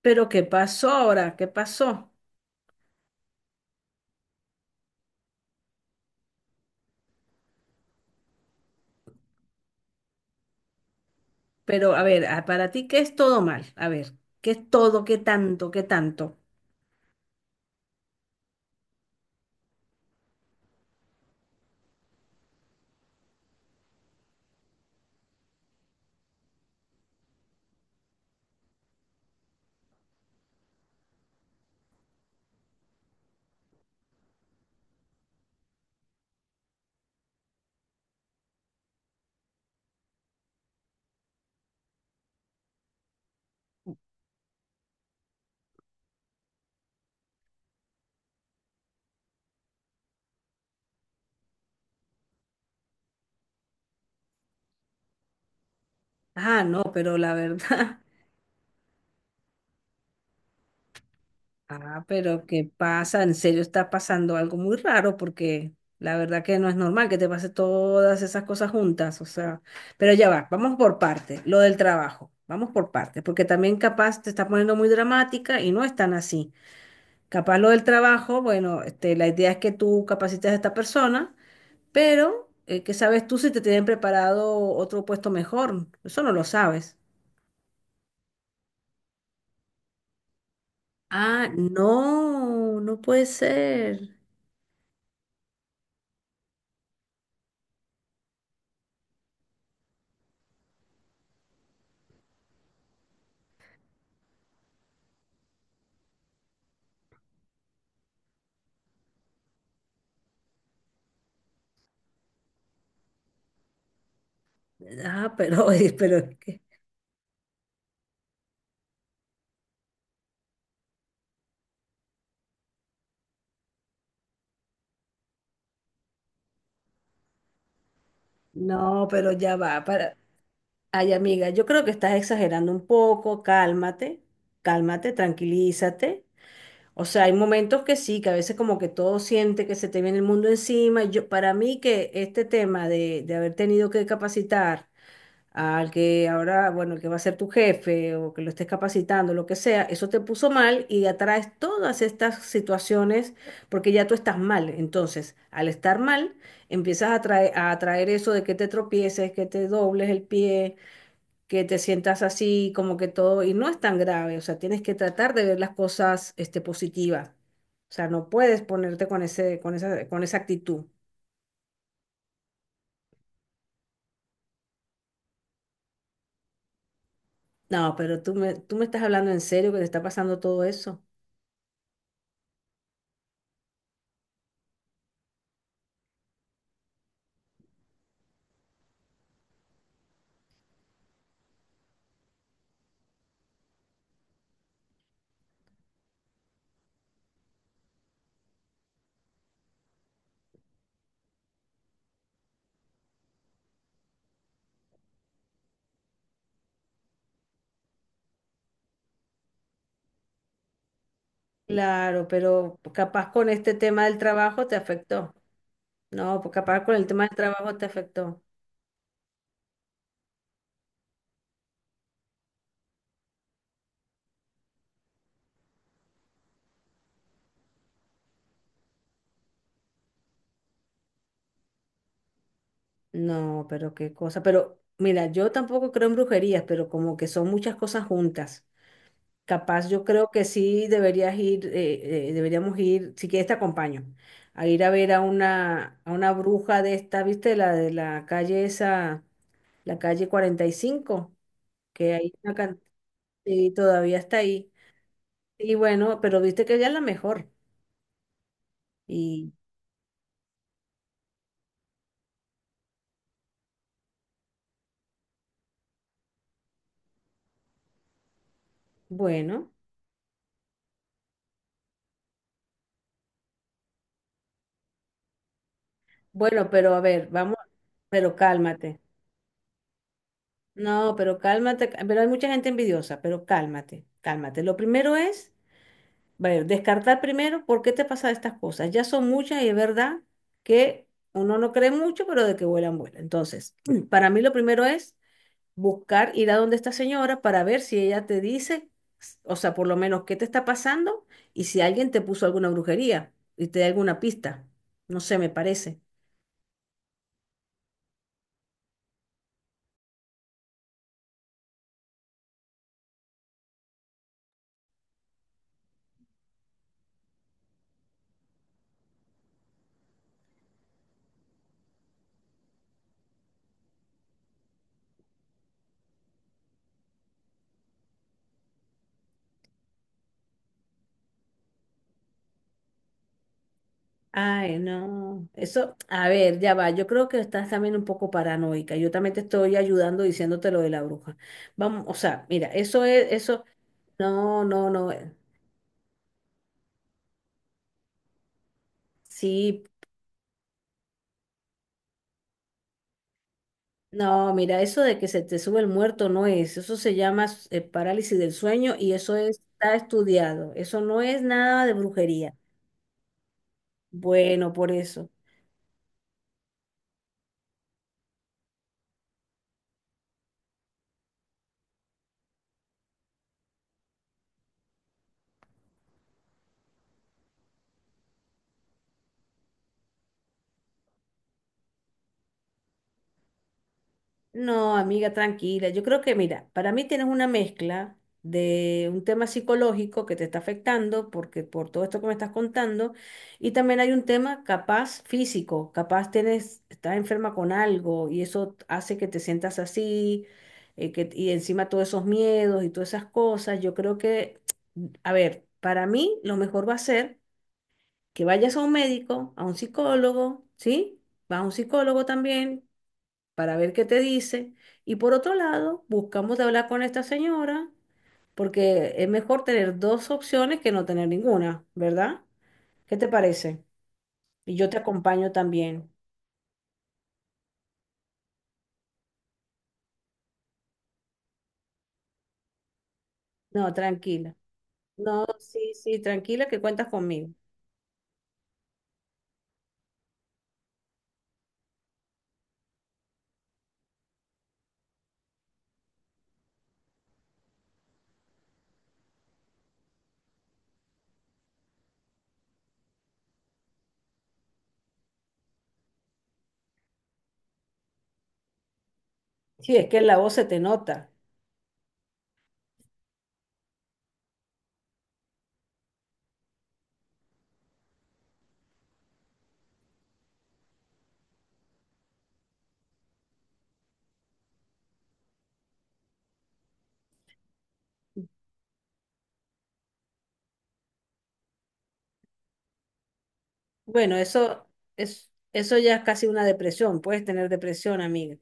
Pero ¿qué pasó ahora? ¿Qué pasó? Pero a ver, para ti, ¿qué es todo mal? A ver, ¿qué es todo? ¿Qué tanto? ¿Qué tanto? Ah, no, pero la verdad. Ah, pero ¿qué pasa? En serio está pasando algo muy raro porque la verdad que no es normal que te pase todas esas cosas juntas. O sea, pero ya va, vamos por partes. Lo del trabajo. Vamos por partes, porque también capaz te está poniendo muy dramática y no es tan así. Capaz lo del trabajo, bueno, este, la idea es que tú capacites a esta persona. Pero, ¿qué sabes tú si te tienen preparado otro puesto mejor? Eso no lo sabes. Ah, no, no puede ser. Ah, pero, oye, pero es que... No, pero ya va. Para... Ay, amiga, yo creo que estás exagerando un poco. Cálmate, cálmate, tranquilízate. O sea, hay momentos que sí, que a veces como que todo siente que se te viene el mundo encima. Y yo, para mí que este tema de haber tenido que capacitar al que ahora, bueno, el que va a ser tu jefe o que lo estés capacitando, lo que sea, eso te puso mal y atraes todas estas situaciones porque ya tú estás mal. Entonces, al estar mal, empiezas a atraer eso de que te tropieces, que te dobles el pie, que te sientas así, como que todo, y no es tan grave, o sea, tienes que tratar de ver las cosas, este, positivas. O sea, no puedes ponerte con ese, con esa actitud. No, pero tú me estás hablando en serio que te está pasando todo eso. Claro, pero capaz con este tema del trabajo te afectó. No, pues capaz con el tema del trabajo te afectó. No, pero qué cosa. Pero mira, yo tampoco creo en brujerías, pero como que son muchas cosas juntas. Capaz yo creo que sí deberías ir, deberíamos ir, si quieres te acompaño, a ir a ver a una bruja de esta, ¿viste? La de la calle esa, la calle 45, que hay una cantidad, todavía está ahí. Y bueno, pero viste que ella es la mejor. Bueno, bueno, pero a ver, vamos, pero cálmate. No, pero cálmate, pero hay mucha gente envidiosa, pero cálmate, cálmate. Lo primero es, bueno, descartar primero por qué te pasan estas cosas. Ya son muchas y es verdad que uno no cree mucho, pero de que vuelan, vuelan. Entonces, para mí lo primero es buscar, ir a donde esta señora para ver si ella te dice, o sea, por lo menos qué te está pasando y si alguien te puso alguna brujería y te da alguna pista. No sé, me parece. Ay, no, eso, a ver, ya va, yo creo que estás también un poco paranoica, yo también te estoy ayudando diciéndote lo de la bruja. Vamos, o sea, mira, eso es, eso, no, no, no, sí, no, mira, eso de que se te sube el muerto no es, eso se llama parálisis del sueño y eso es... está estudiado, eso no es nada de brujería. Bueno, por eso. No, amiga, tranquila. Yo creo que, mira, para mí tienes una mezcla de un tema psicológico que te está afectando porque por todo esto que me estás contando, y también hay un tema capaz físico, capaz tienes, estás enferma con algo y eso hace que te sientas así, que, y encima todos esos miedos y todas esas cosas. Yo creo que, a ver, para mí lo mejor va a ser que vayas a un médico, a un psicólogo, ¿sí? Vas a un psicólogo también para ver qué te dice. Y por otro lado, buscamos de hablar con esta señora, porque es mejor tener dos opciones que no tener ninguna, ¿verdad? ¿Qué te parece? Y yo te acompaño también. No, tranquila. No, sí, sí, tranquila que cuentas conmigo. Sí, es que en la voz se te nota. Bueno, eso es, eso ya es casi una depresión. Puedes tener depresión, amiga. O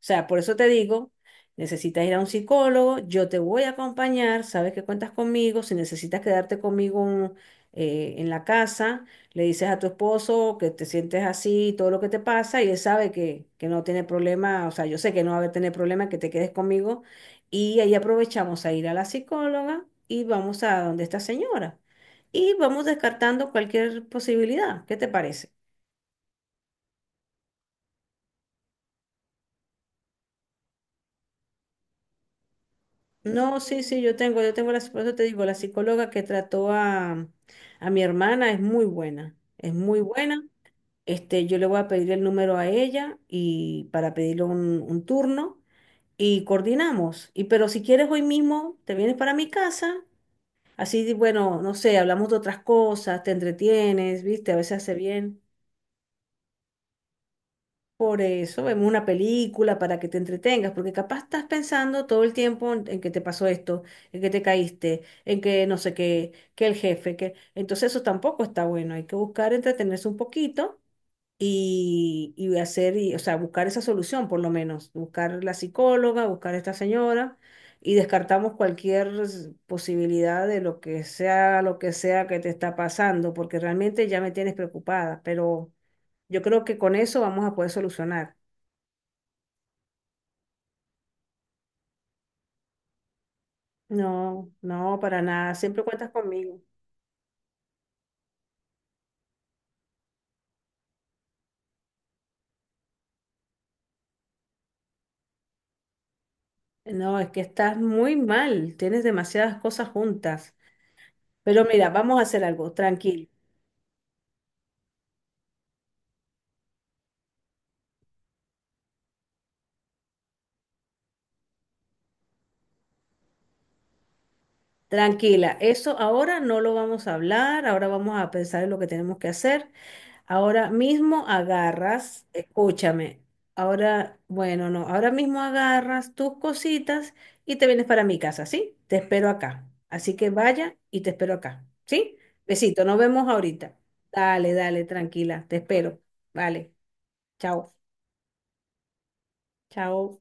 sea, por eso te digo, necesitas ir a un psicólogo, yo te voy a acompañar, sabes que cuentas conmigo, si necesitas quedarte conmigo en la casa, le dices a tu esposo que te sientes así, todo lo que te pasa, y él sabe que no tiene problema, o sea, yo sé que no va a tener problema que te quedes conmigo, y ahí aprovechamos a ir a la psicóloga y vamos a donde esta señora. Y vamos descartando cualquier posibilidad. ¿Qué te parece? No, sí, sí, yo tengo la, por eso te digo, la psicóloga que trató a mi hermana es muy buena, es muy buena. Este, yo le voy a pedir el número a ella y para pedirle un turno y coordinamos. Y pero si quieres hoy mismo, te vienes para mi casa, así, bueno, no sé, hablamos de otras cosas, te entretienes, viste, a veces hace bien. Por eso vemos una película para que te entretengas, porque capaz estás pensando todo el tiempo en que te pasó esto, en que te caíste, en que no sé qué, que el jefe, que... Entonces eso tampoco está bueno, hay que buscar entretenerse un poquito y hacer, y, o sea, buscar esa solución por lo menos, buscar la psicóloga, buscar a esta señora y descartamos cualquier posibilidad de lo que sea que te está pasando, porque realmente ya me tienes preocupada, pero yo creo que con eso vamos a poder solucionar. No, no, para nada. Siempre cuentas conmigo. No, es que estás muy mal. Tienes demasiadas cosas juntas. Pero mira, vamos a hacer algo. Tranquila. Eso ahora no lo vamos a hablar. Ahora vamos a pensar en lo que tenemos que hacer. Ahora mismo agarras, escúchame, ahora, bueno, no, ahora mismo agarras tus cositas y te vienes para mi casa, ¿sí? Te espero acá. Así que vaya y te espero acá, ¿sí? Besito, nos vemos ahorita. Dale, dale, tranquila, te espero. Vale, chao, chao.